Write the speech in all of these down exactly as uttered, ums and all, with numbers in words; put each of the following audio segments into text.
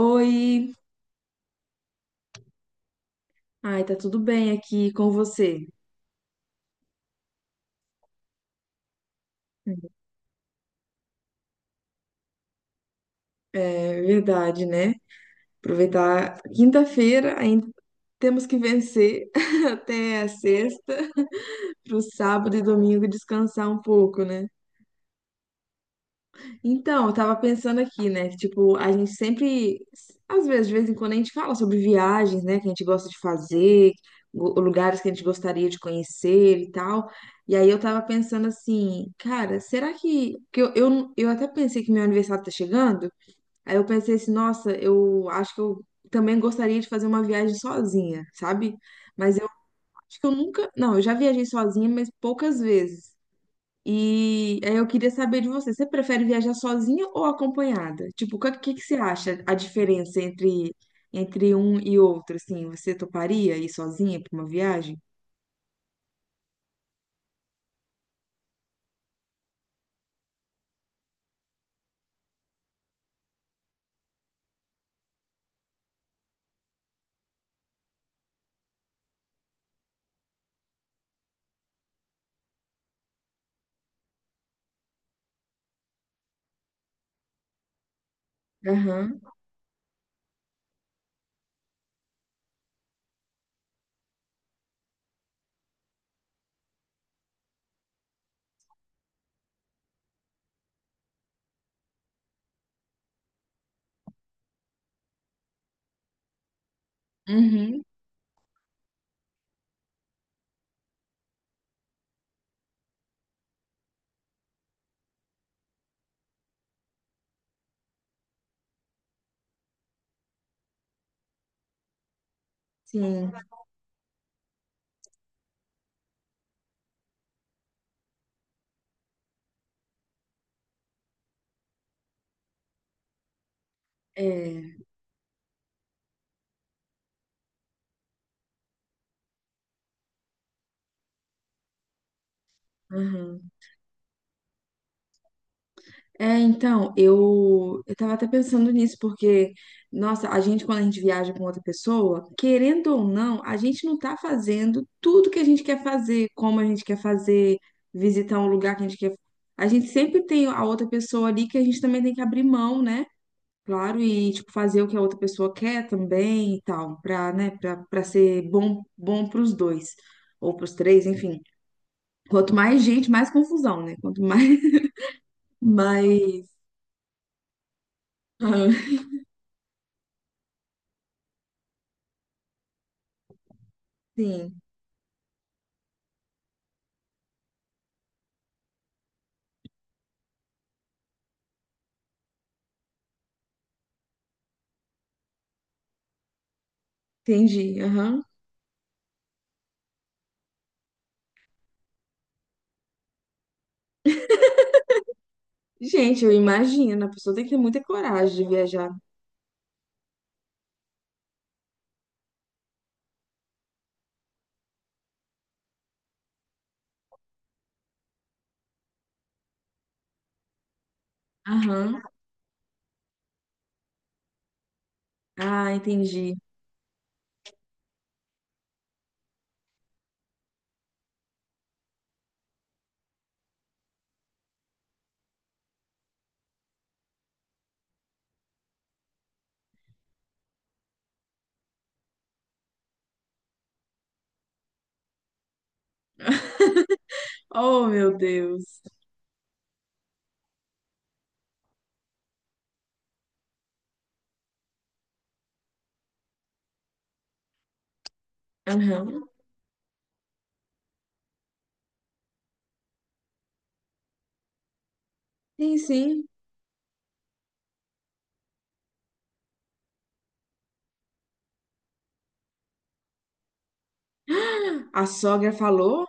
Oi, ai, tá tudo bem aqui com você? É verdade, né? Aproveitar quinta-feira, ainda temos que vencer até a sexta, pro sábado e domingo descansar um pouco, né? Então, eu tava pensando aqui, né? Que, tipo, a gente sempre, às vezes, de vez em quando, a gente fala sobre viagens, né? Que a gente gosta de fazer, gu- lugares que a gente gostaria de conhecer e tal. E aí eu tava pensando assim, cara, será que, que eu, eu, eu até pensei que meu aniversário tá chegando? Aí eu pensei assim, nossa, eu acho que eu também gostaria de fazer uma viagem sozinha, sabe? Mas eu acho que eu nunca. Não, eu já viajei sozinha, mas poucas vezes. E aí eu queria saber de você, você prefere viajar sozinha ou acompanhada? Tipo, o que, que que você acha a diferença entre, entre um e outro, assim? Você toparia ir sozinha para uma viagem? Aham. Uhum. Sim. É. Aham. É, então, eu, eu tava até pensando nisso, porque, nossa, a gente, quando a gente viaja com outra pessoa, querendo ou não, a gente não tá fazendo tudo que a gente quer fazer, como a gente quer fazer, visitar um lugar que a gente quer. A gente sempre tem a outra pessoa ali que a gente também tem que abrir mão, né? Claro, e, tipo, fazer o que a outra pessoa quer também e tal, pra, né, pra, pra ser bom, bom pros dois, ou pros três, enfim. Quanto mais gente, mais confusão, né? Quanto mais, mais... Sim. Entendi. Aham. Gente, eu imagino, a pessoa tem que ter muita coragem de viajar. Aham. Ah, entendi. Oh, meu Deus. Aham. Sim, sim. A sogra falou?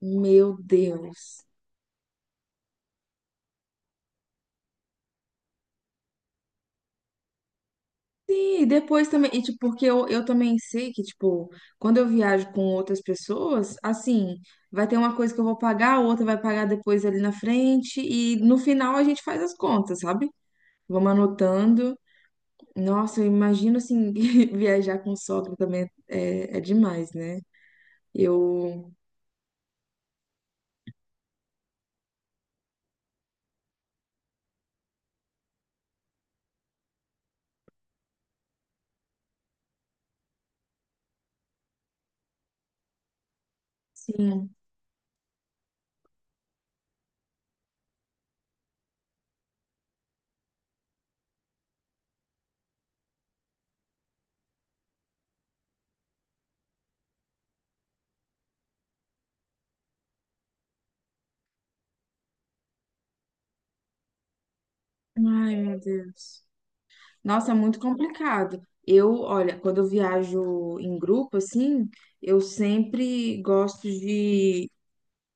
Meu Deus. Sim, e depois também, e tipo, porque eu, eu também sei que, tipo, quando eu viajo com outras pessoas, assim, vai ter uma coisa que eu vou pagar, a outra vai pagar depois ali na frente, e no final a gente faz as contas, sabe? Vamos anotando. Nossa, eu imagino assim, viajar com sogra também é, é demais, né? Eu, sim. Ai, meu Deus. Nossa, é muito complicado. Eu, olha, quando eu viajo em grupo, assim, eu sempre gosto de.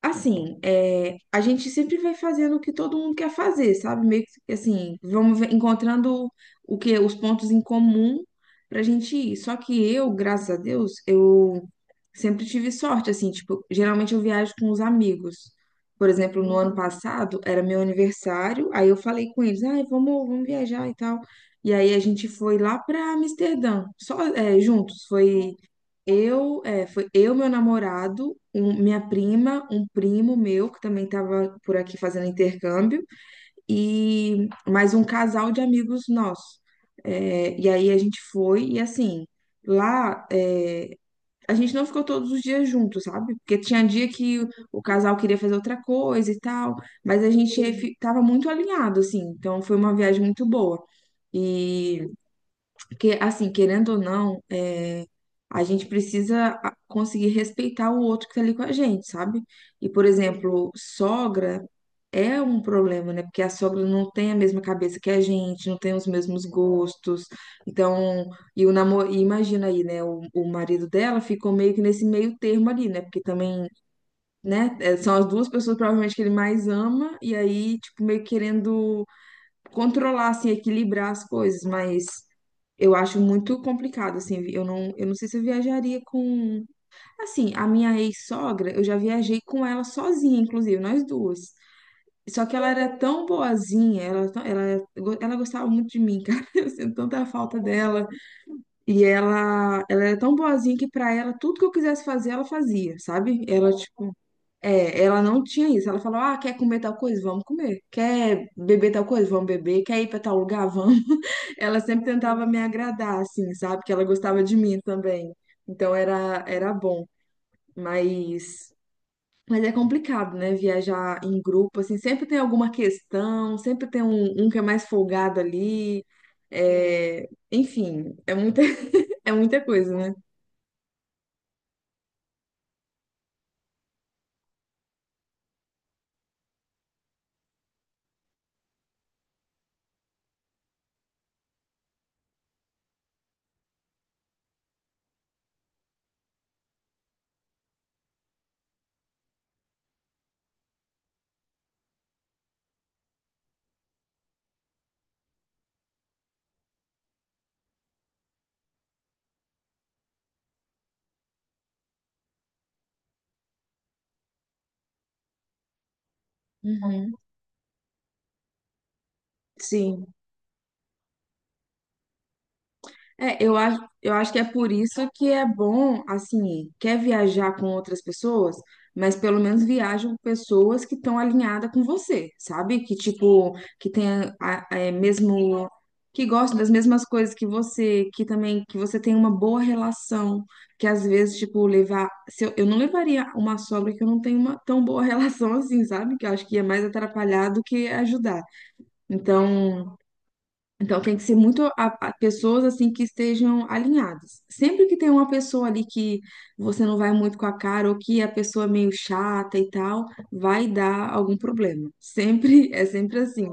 Assim, é, a gente sempre vai fazendo o que todo mundo quer fazer, sabe? Meio que assim, vamos ver- encontrando o que os pontos em comum pra gente ir. Só que eu, graças a Deus, eu sempre tive sorte, assim, tipo, geralmente eu viajo com os amigos. Por exemplo, no ano passado era meu aniversário, aí eu falei com eles, ai, vamos, vamos viajar e tal. E aí a gente foi lá pra Amsterdã, só, é, juntos, foi eu, é, foi eu, meu namorado, um- minha prima, um primo meu que também estava por aqui fazendo intercâmbio e mais um casal de amigos nossos. É, e aí a gente foi e assim, lá é, a gente não ficou todos os dias juntos, sabe? Porque tinha dia que o, o casal queria fazer outra coisa e tal, mas a gente estava muito alinhado, assim. Então foi uma viagem muito boa. E porque, assim, querendo ou não, é, a gente precisa a- conseguir respeitar o outro que tá ali com a gente, sabe? E, por exemplo, sogra é um problema, né? Porque a sogra não tem a mesma cabeça que a gente, não tem os mesmos gostos. Então, e o namoro, imagina aí, né? O, o marido dela ficou meio que nesse meio termo ali, né? Porque também, né? É, são as duas pessoas provavelmente que ele mais ama, e aí, tipo, meio que querendo controlar, assim, equilibrar as coisas, mas. Eu acho muito complicado, assim, eu não, eu não sei se eu viajaria com... Assim, a minha ex-sogra, eu já viajei com ela sozinha, inclusive, nós duas. Só que ela era tão boazinha, ela, tão- ela, ela gostava muito de mim, cara, eu sinto tanta falta dela. E ela, ela era tão boazinha que pra ela, tudo que eu quisesse fazer, ela fazia, sabe? Ela, é, ela não tinha isso. Ela falou: ah, quer comer tal coisa? Vamos comer. Quer beber tal coisa? Vamos beber. Quer ir pra tal lugar? Vamos. Ela sempre tentava me agradar, assim, sabe? Que ela gostava de mim também. Então era, era bom. Mas, mas é complicado, né? Viajar em grupo, assim, sempre tem alguma questão, sempre tem um, um que é mais folgado ali. É, enfim, é muita, é muita coisa, né? Uhum. Sim. É, eu acho, eu acho que é por isso que é bom, assim, quer viajar com outras pessoas, mas pelo menos viaja com pessoas que estão alinhadas com você, sabe? Que, tipo, que tenha a- é, mesmo, que gostam das mesmas coisas que você, que também, que você tem uma boa relação, que às vezes, tipo, levar, se eu, eu não levaria uma sogra que eu não tenho uma tão boa relação assim, sabe? Que eu acho que ia mais atrapalhar do que ajudar. Então, então, tem que ser muito a, a- pessoas assim que estejam alinhadas. Sempre que tem uma pessoa ali que você não vai muito com a cara ou que a pessoa é meio chata e tal, vai dar algum problema. Sempre, é sempre assim.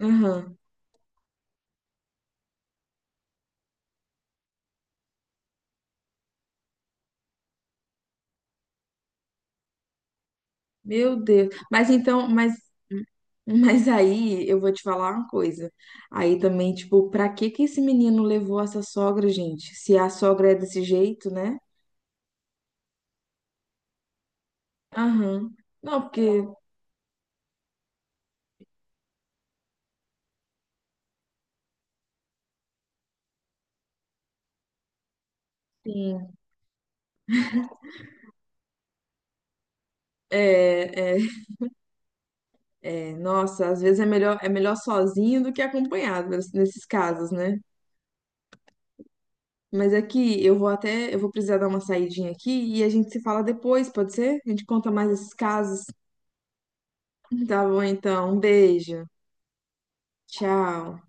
Aham. Meu Deus. Mas então, mas, mas aí eu vou te falar uma coisa. Aí também, tipo, pra que que esse menino levou essa sogra, gente? Se a sogra é desse jeito, né? Aham. Não, porque sim, é, é. É, nossa, às vezes é melhor, é melhor sozinho do que acompanhado nes- nesses casos, né? Mas aqui eu vou até, eu vou precisar dar uma saidinha aqui e a gente se fala depois, pode ser? A gente conta mais esses casos. Tá bom, então. Um beijo. Tchau.